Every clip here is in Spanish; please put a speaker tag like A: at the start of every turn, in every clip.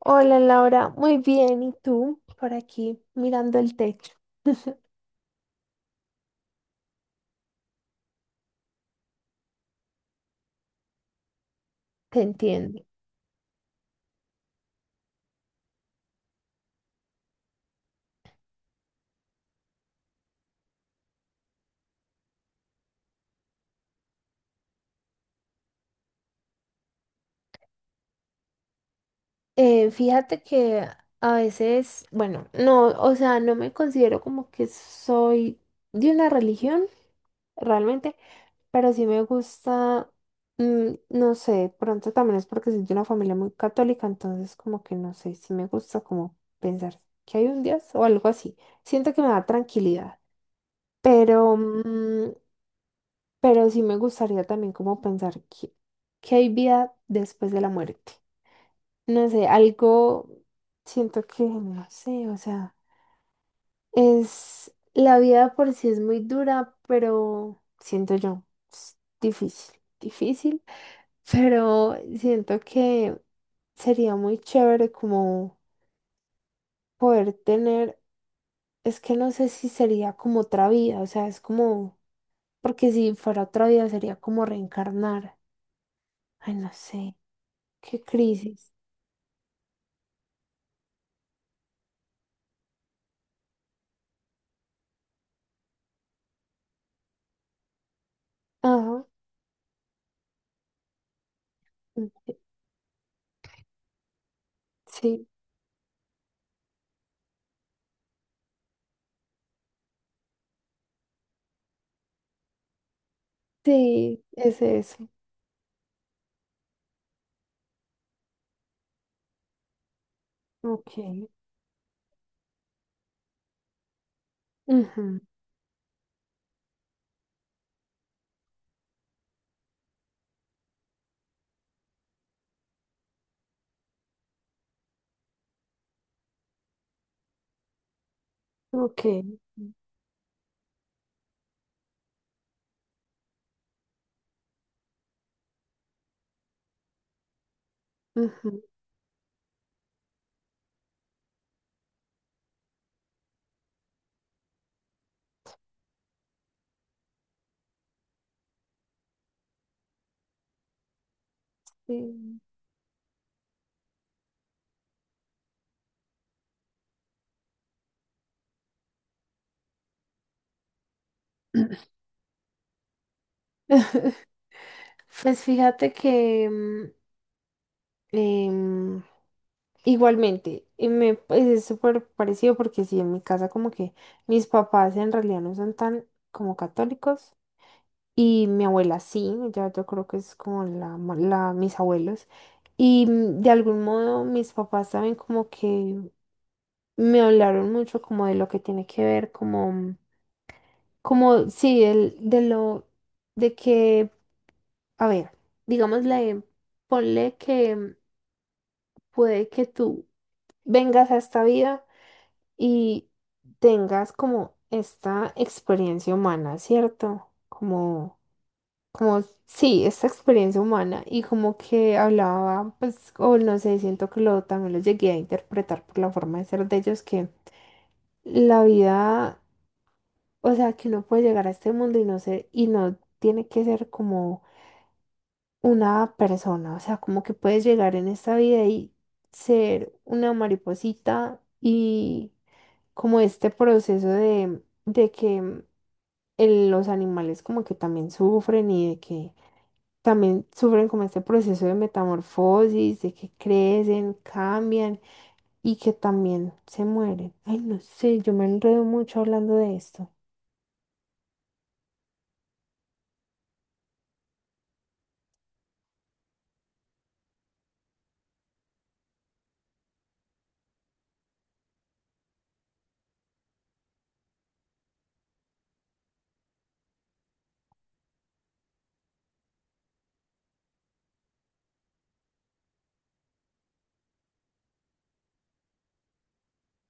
A: Hola Laura, muy bien. ¿Y tú? Por aquí mirando el techo. Te entiendo. Fíjate que a veces, bueno, no, o sea, no me considero como que soy de una religión realmente, pero sí me gusta, no sé, de pronto también es porque soy de una familia muy católica, entonces como que no sé, sí me gusta como pensar que hay un Dios o algo así. Siento que me da tranquilidad. Pero, mm, Pero sí me gustaría también como pensar que hay vida después de la muerte. No sé, algo siento que, no sé, o sea, es la vida por sí es muy dura, pero siento yo, es difícil, difícil, pero siento que sería muy chévere como poder tener, es que no sé si sería como otra vida, o sea, es como, porque si fuera otra vida sería como reencarnar. Ay, no sé. ¿Qué crisis? Ajá. Ok. Sí. Sí, es eso. Ok. Ujú. Ok. Ujú, sí. Pues fíjate que em, igualmente, y me pues, es súper parecido porque sí, en mi casa como que mis papás en realidad no son tan como católicos y mi abuela sí, ya yo creo que es como la mis abuelos y de algún modo mis papás saben como que me hablaron mucho como de lo que tiene que ver, como, como, sí, el, de lo, de que, a ver, digámosle, ponle que puede que tú vengas a esta vida y tengas como esta experiencia humana, ¿cierto? Sí, esta experiencia humana y como que hablaba, pues, o no sé, siento que lo, también lo llegué a interpretar por la forma de ser de ellos que la vida... O sea, que uno puede llegar a este mundo y no ser, y no tiene que ser como una persona. O sea, como que puedes llegar en esta vida y ser una mariposita y como este proceso de que los animales como que también sufren y de que también sufren como este proceso de metamorfosis, de que crecen, cambian y que también se mueren. Ay, no sé, yo me enredo mucho hablando de esto.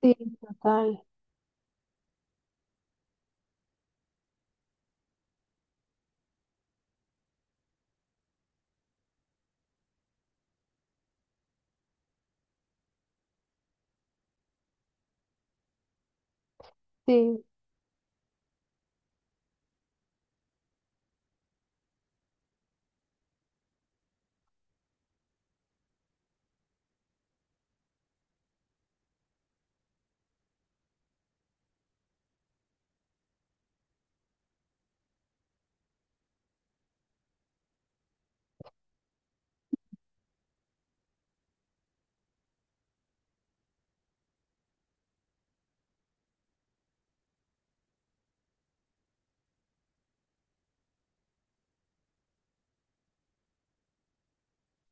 A: Sí, total. Sí,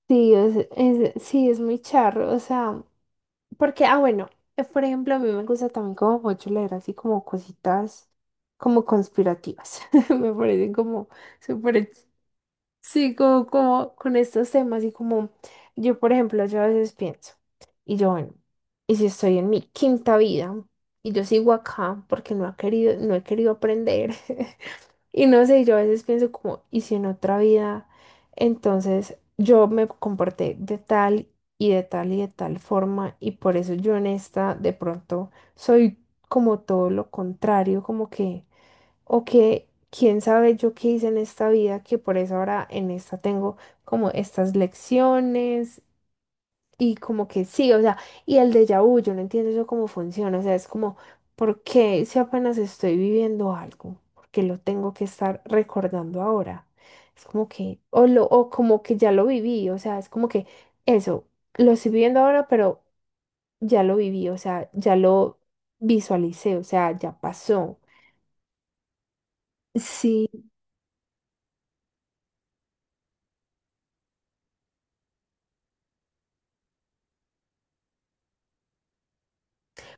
A: sí, sí, es muy charro, o sea, porque, ah, bueno, por ejemplo, a mí me gusta también como mucho leer así como cositas como conspirativas, me parecen como súper, sí, como con estos temas y como yo, por ejemplo, yo a veces pienso, y yo, bueno, y si estoy en mi quinta vida y yo sigo acá porque no ha querido, no he querido aprender. Y no sé, yo a veces pienso como, ¿y si en otra vida? Entonces yo me comporté de tal y de tal y de tal forma y por eso yo en esta de pronto soy como todo lo contrario, como que, o que, quién sabe yo qué hice en esta vida, que por eso ahora en esta tengo como estas lecciones y como que sí, o sea, y el déjà vu, yo no entiendo eso cómo funciona, o sea, es como, ¿por qué si apenas estoy viviendo algo? ¿Por qué lo tengo que estar recordando ahora? Es como que, o, lo, o como que ya lo viví, o sea, es como que eso, lo estoy viviendo ahora, pero ya lo viví, o sea, ya lo visualicé, o sea, ya pasó. Sí,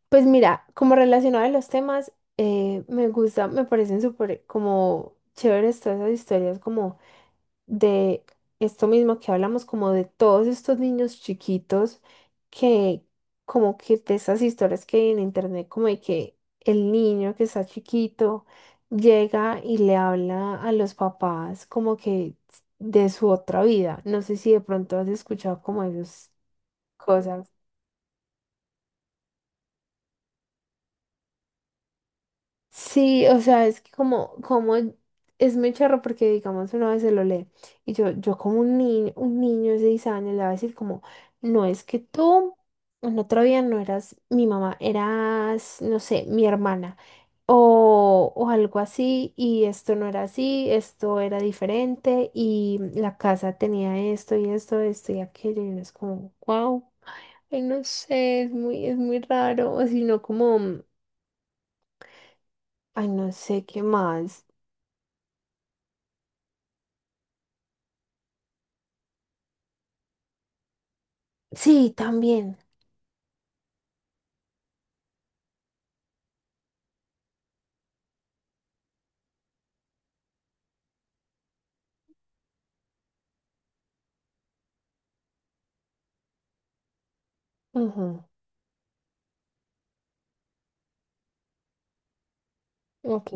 A: pues mira, como relacionado a los temas, me gusta, me parecen súper como chéveres todas esas historias como de esto mismo que hablamos, como de todos estos niños chiquitos que como que de esas historias que hay en internet, como de que el niño que está chiquito llega y le habla a los papás como que de su otra vida. No sé si de pronto has escuchado como esas cosas. Sí, o sea, es que como es muy charro porque digamos una vez se lo lee y yo como un niño de 6 años le va a decir como, no es que tú en otro día no eras mi mamá, eras, no sé, mi hermana o algo así y esto no era así, esto era diferente y la casa tenía esto y esto, esto y aquello y uno es como, wow, ay no sé, es muy raro, o si no como, ay no sé qué más. Sí, también. Ujú. Ok.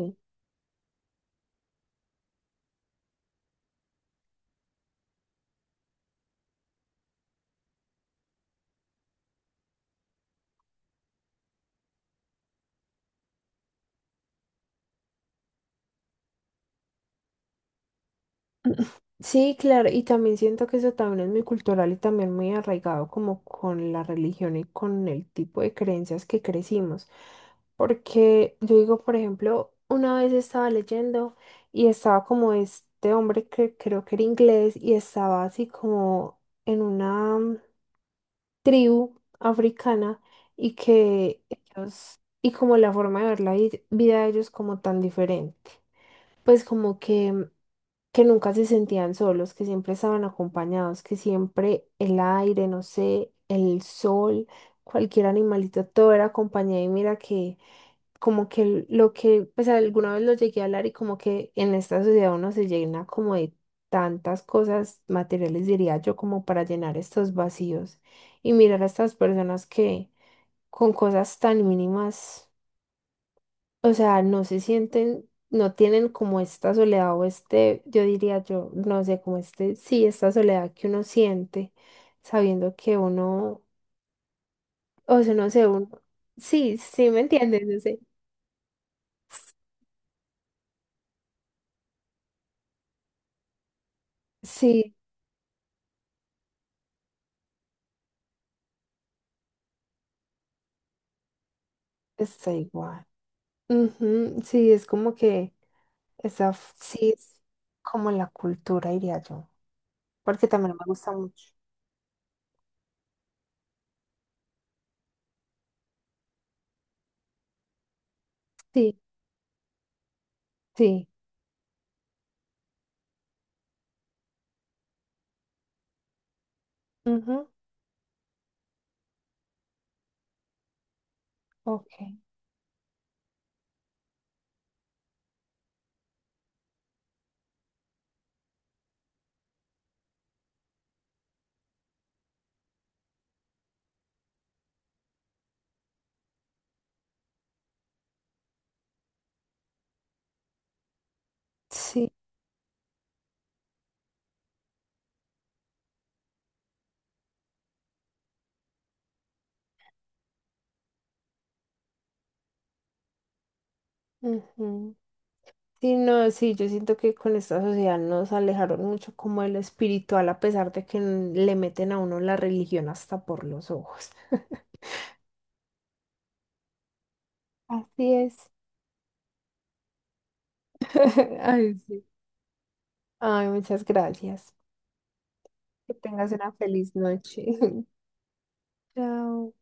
A: Sí, claro, y también siento que eso también es muy cultural y también muy arraigado como con la religión y con el tipo de creencias que crecimos. Porque yo digo, por ejemplo, una vez estaba leyendo y estaba como este hombre que creo que era inglés y estaba así como en una tribu africana y que ellos, y como la forma de ver la vida de ellos como tan diferente. Pues como que nunca se sentían solos, que siempre estaban acompañados, que siempre el aire, no sé, el sol, cualquier animalito, todo era compañía y mira que como que lo que, pues alguna vez lo llegué a hablar y como que en esta sociedad uno se llena como de tantas cosas materiales, diría yo, como para llenar estos vacíos y mirar a estas personas que con cosas tan mínimas, o sea, no se sienten, no tienen como esta soledad o este, yo diría yo, no sé, como este, sí, esta soledad que uno siente sabiendo que uno, o sea, no sé, uno, sí, sí, ¿me entiendes? No sé. Sí, está igual. Ujú, sí, es como que esa, sí, es como la cultura, diría yo, porque también me gusta mucho. Sí. Sí. Ujú. Ok. Sí. Ujú. Sí, no, sí, yo siento que con esta sociedad nos alejaron mucho como de lo espiritual, a pesar de que le meten a uno la religión hasta por los ojos. Así es. Ay, sí. Ay, muchas gracias. Que tengas una feliz noche. Chao.